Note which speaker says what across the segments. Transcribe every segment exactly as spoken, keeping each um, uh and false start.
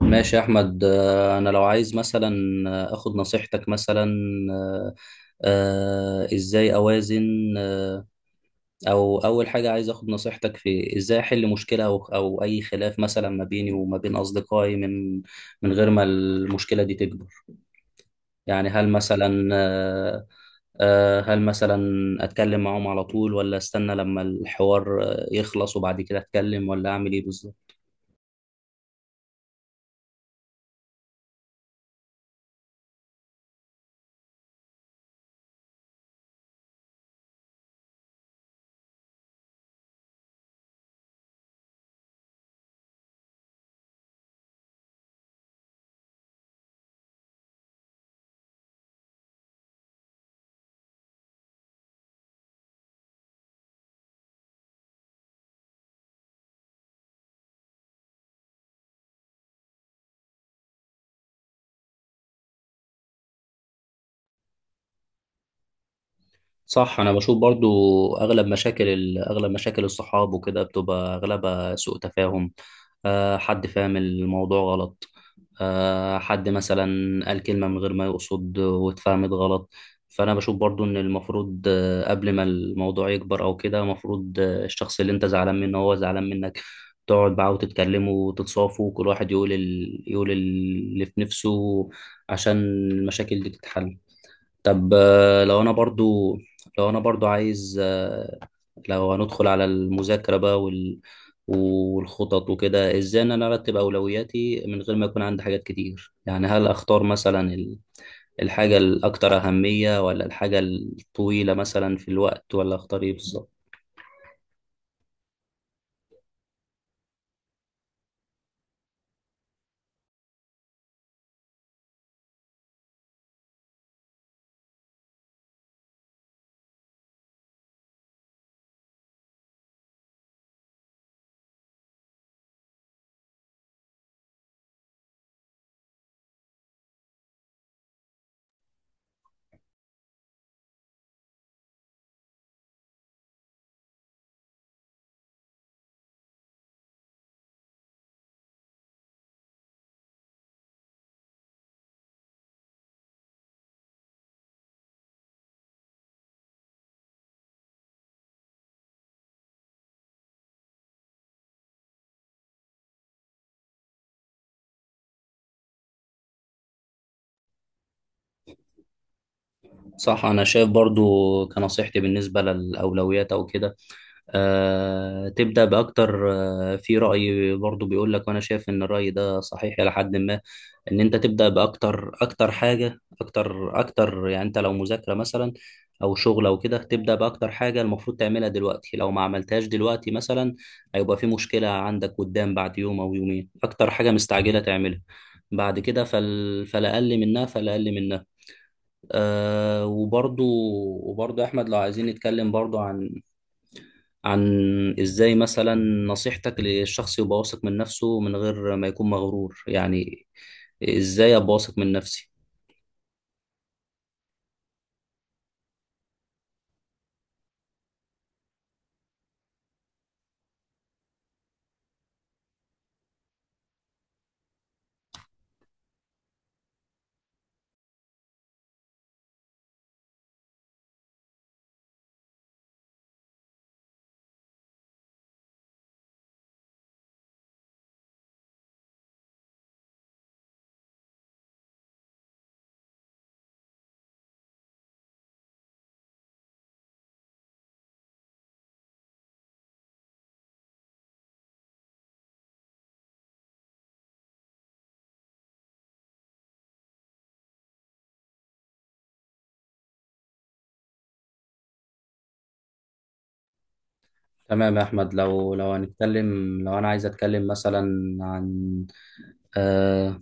Speaker 1: ماشي يا احمد آه، انا لو عايز مثلا آه، اخد نصيحتك مثلا. آه، آه، ازاي اوازن؟ آه، او اول حاجه عايز اخد نصيحتك في ازاي احل مشكله او او اي خلاف مثلا ما بيني وما بين اصدقائي من من غير ما المشكله دي تكبر. يعني هل مثلا آه، آه، هل مثلا اتكلم معاهم على طول ولا استنى لما الحوار آه، يخلص وبعد كده اتكلم ولا اعمل ايه بالظبط؟ صح، انا بشوف برضو اغلب مشاكل ال- اغلب مشاكل الصحاب وكده بتبقى اغلبها سوء تفاهم. أه، حد فاهم الموضوع غلط. أه، حد مثلا قال كلمة من غير ما يقصد واتفهمت غلط. فانا بشوف برضو ان المفروض آه، قبل ما الموضوع يكبر او كده، المفروض آه، الشخص اللي انت زعلان منه هو زعلان منك تقعد معاه وتتكلموا وتتصافوا وكل واحد يقول ال... يقول اللي في نفسه عشان المشاكل دي تتحل. طب آه، لو انا برضو لو انا برضو عايز آه، لو هندخل على المذاكرة بقى وال... والخطط وكده، ازاي ان انا ارتب اولوياتي من غير ما يكون عندي حاجات كتير؟ يعني هل اختار مثلا ال- الحاجة الاكثر اهمية ولا الحاجة الطويلة مثلا في الوقت، ولا اختار ايه بالظبط؟ صح، انا شايف برضو كنصيحتي بالنسبه للاولويات او كده آه، تبدا باكتر. آه، في راي برضو بيقول لك، وانا شايف ان الراي ده صحيح الى حد ما، ان انت تبدا باكتر، اكتر حاجه اكتر اكتر. يعني انت لو مذاكره مثلا او شغل او كده تبدا باكتر حاجه المفروض تعملها دلوقتي، لو ما عملتهاش دلوقتي مثلا هيبقى في مشكله عندك قدام بعد يوم او يومين. اكتر حاجه مستعجله تعملها بعد كده، فال... فلا اقل منها فلا اقل منها آه، وبرضو وبرضو احمد، لو عايزين نتكلم برضو عن عن ازاي مثلا نصيحتك للشخص يبقى واثق من نفسه من غير ما يكون مغرور. يعني ازاي ابقى واثق من نفسي؟ تمام يا احمد، لو لو هنتكلم، لو انا عايز اتكلم مثلا عن آه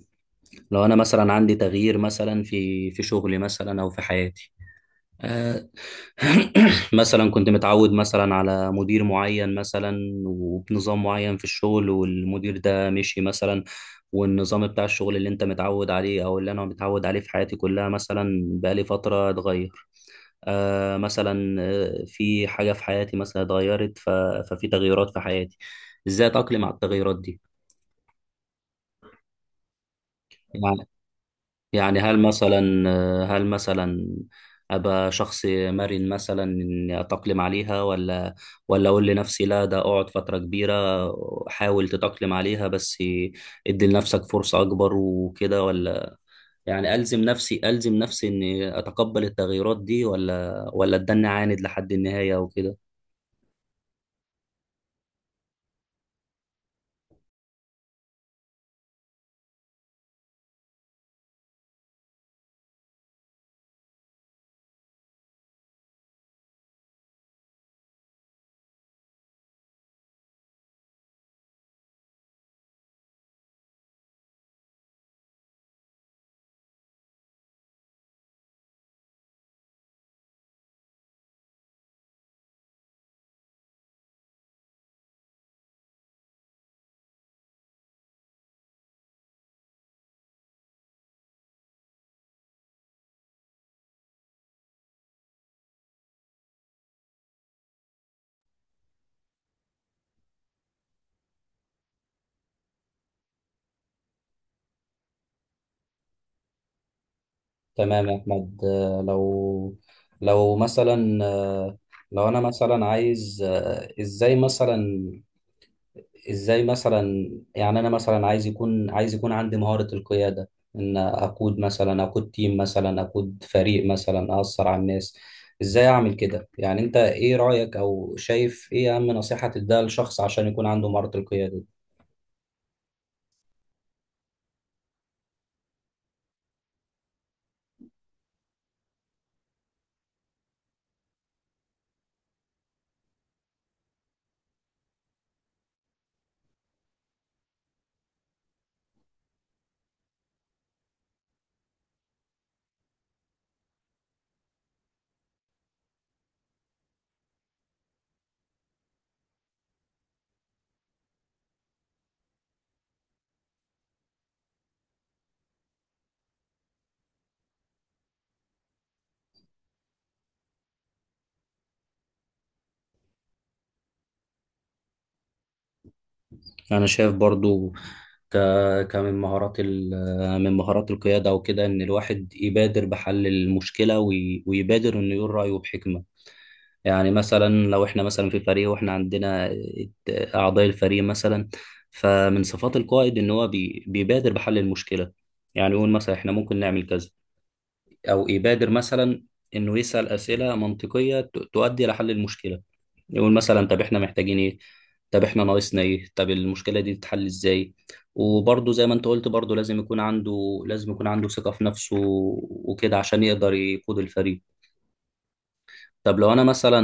Speaker 1: لو انا مثلا عندي تغيير مثلا في في شغلي مثلا او في حياتي. مثلا كنت متعود مثلا على مدير معين مثلا وبنظام معين في الشغل، والمدير ده مشي مثلا، والنظام بتاع الشغل اللي انت متعود عليه او اللي انا متعود عليه في حياتي كلها مثلا بقالي فترة اتغير. آه، مثلا آه، في حاجة في حياتي مثلا اتغيرت، ف- ففي تغيرات في حياتي. ازاي اتأقلم على التغيرات دي؟ يعني يعني هل مثلا هل مثلا أبقى شخص مرن مثلا إني أتأقلم عليها، ولا ولا أقول لنفسي لا ده أقعد فترة كبيرة حاول تتأقلم عليها بس إدي لنفسك فرصة أكبر وكده، ولا يعني ألزم نفسي ألزم نفسي إني أتقبل التغييرات دي، ولا ولا أتدنى عاند لحد النهاية وكده؟ تمام يا أحمد، آه، لو لو مثلا آه، لو أنا مثلا عايز آه، إزاي مثلا، ازاي مثلا يعني انا مثلا عايز يكون عايز يكون عندي مهارة القيادة، ان اقود مثلا، اقود تيم مثلا، اقود فريق مثلا، اثر على الناس. ازاي اعمل كده؟ يعني انت ايه رأيك، او شايف ايه اهم نصيحة تديها لشخص عشان يكون عنده مهارة القيادة دي؟ انا شايف برضو ك كمن مهارات ال... من مهارات القيادة وكده ان الواحد يبادر بحل المشكلة، وي... ويبادر انه يقول رأيه بحكمة. يعني مثلا لو احنا مثلا في فريق واحنا عندنا اعضاء الفريق مثلا، فمن صفات القائد ان هو بي- بيبادر بحل المشكله. يعني يقول مثلا احنا ممكن نعمل كذا، او يبادر مثلا انه يسال اسئله منطقيه ت- تؤدي لحل المشكله. يقول مثلا طب احنا محتاجين ايه، طب احنا ناقصنا ايه، طب المشكله دي تتحل ازاي؟ وبرضه زي ما انت قلت برضه لازم يكون عنده لازم يكون عنده ثقه في نفسه وكده عشان يقدر يقود الفريق. طب لو انا مثلا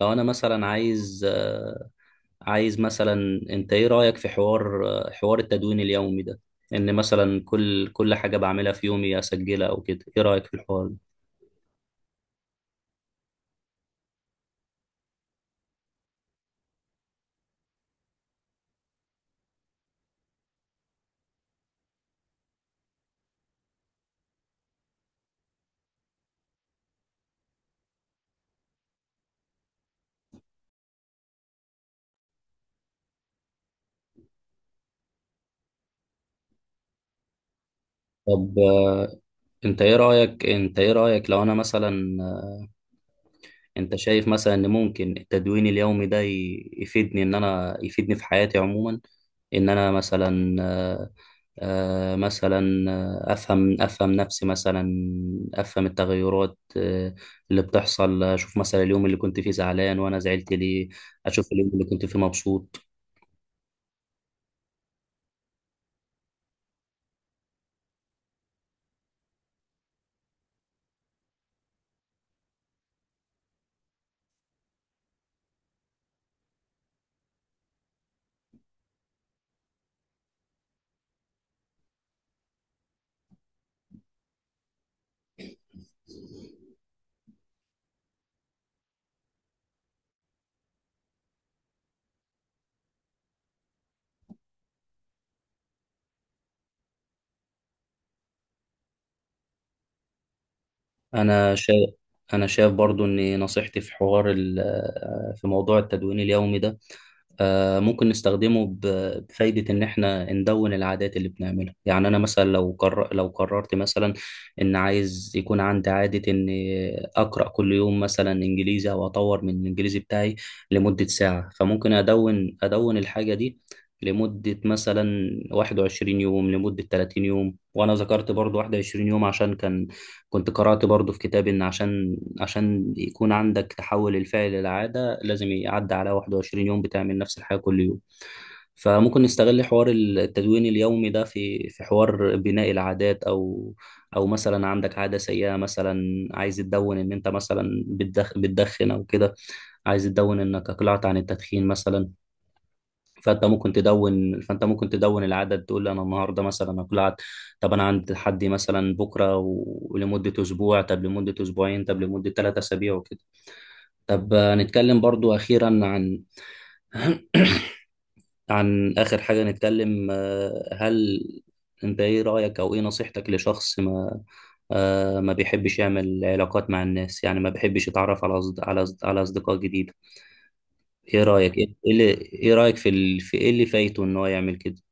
Speaker 1: لو انا مثلا عايز آه، عايز مثلا، انت ايه رأيك في حوار آه، حوار التدوين اليومي ده؟ ان مثلا كل كل حاجة بعملها في يومي اسجلها او كده، ايه رأيك في الحوار ده؟ طب آه، انت ايه رأيك انت ايه رأيك لو انا مثلا، انت شايف مثلا ان ممكن التدوين اليومي ده ي- يفيدني؟ ان انا يفيدني في حياتي عموما؟ ان انا مثلا آه، آه، مثلا آه، افهم افهم نفسي مثلا، افهم التغيرات آه، اللي بتحصل، اشوف مثلا اليوم اللي كنت فيه زعلان وانا زعلت ليه، اشوف اليوم اللي كنت فيه مبسوط. انا شايف انا شايف برضو ان نصيحتي في حوار ال- آه، في موضوع التدوين اليومي ده آه، ممكن نستخدمه ب- بفايدة، إن إحنا ندون العادات اللي بنعملها. يعني أنا مثلا لو قرر لو قررت مثلا إن عايز يكون عندي عادة إن أقرأ كل يوم مثلا إنجليزي أو أطور من الإنجليزي بتاعي لمدة ساعة. فممكن أدون أدون الحاجة دي لمدة مثلا واحد وعشرين يوم، لمدة ثلاثين يوم. وأنا ذكرت برضو واحد وعشرين يوم عشان كان كنت قرأت برضو في كتاب إن عشان عشان يكون عندك تحول الفعل للعادة لازم يعدي على واحد وعشرين يوم بتعمل نفس الحاجة كل يوم. فممكن نستغل حوار التدوين اليومي ده في في حوار بناء العادات، أو أو مثلا عندك عادة سيئة، مثلا عايز تدون إن أنت مثلا بتدخ بتدخن أو كده، عايز تدون إنك أقلعت عن التدخين مثلا. فانت ممكن تدون فانت ممكن تدون العدد، تقول لي انا النهارده مثلا هاكل عدد. طب انا عند حدي مثلا بكره و- ولمده اسبوع، طب لمده اسبوعين، طب لمده ثلاثة اسابيع وكده. طب آه، نتكلم برضو اخيرا عن عن اخر حاجه نتكلم آه، هل انت ايه رايك، او ايه نصيحتك لشخص ما آه، ما بيحبش يعمل علاقات مع الناس؟ يعني ما بيحبش يتعرف على أصد... على أصد... على اصدقاء جديده. ايه رايك، ايه إيه اللي ايه رايك في ال... في ايه اللي فايته ان هو يعمل كده؟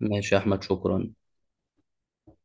Speaker 1: ماشي يا احمد، شكرا.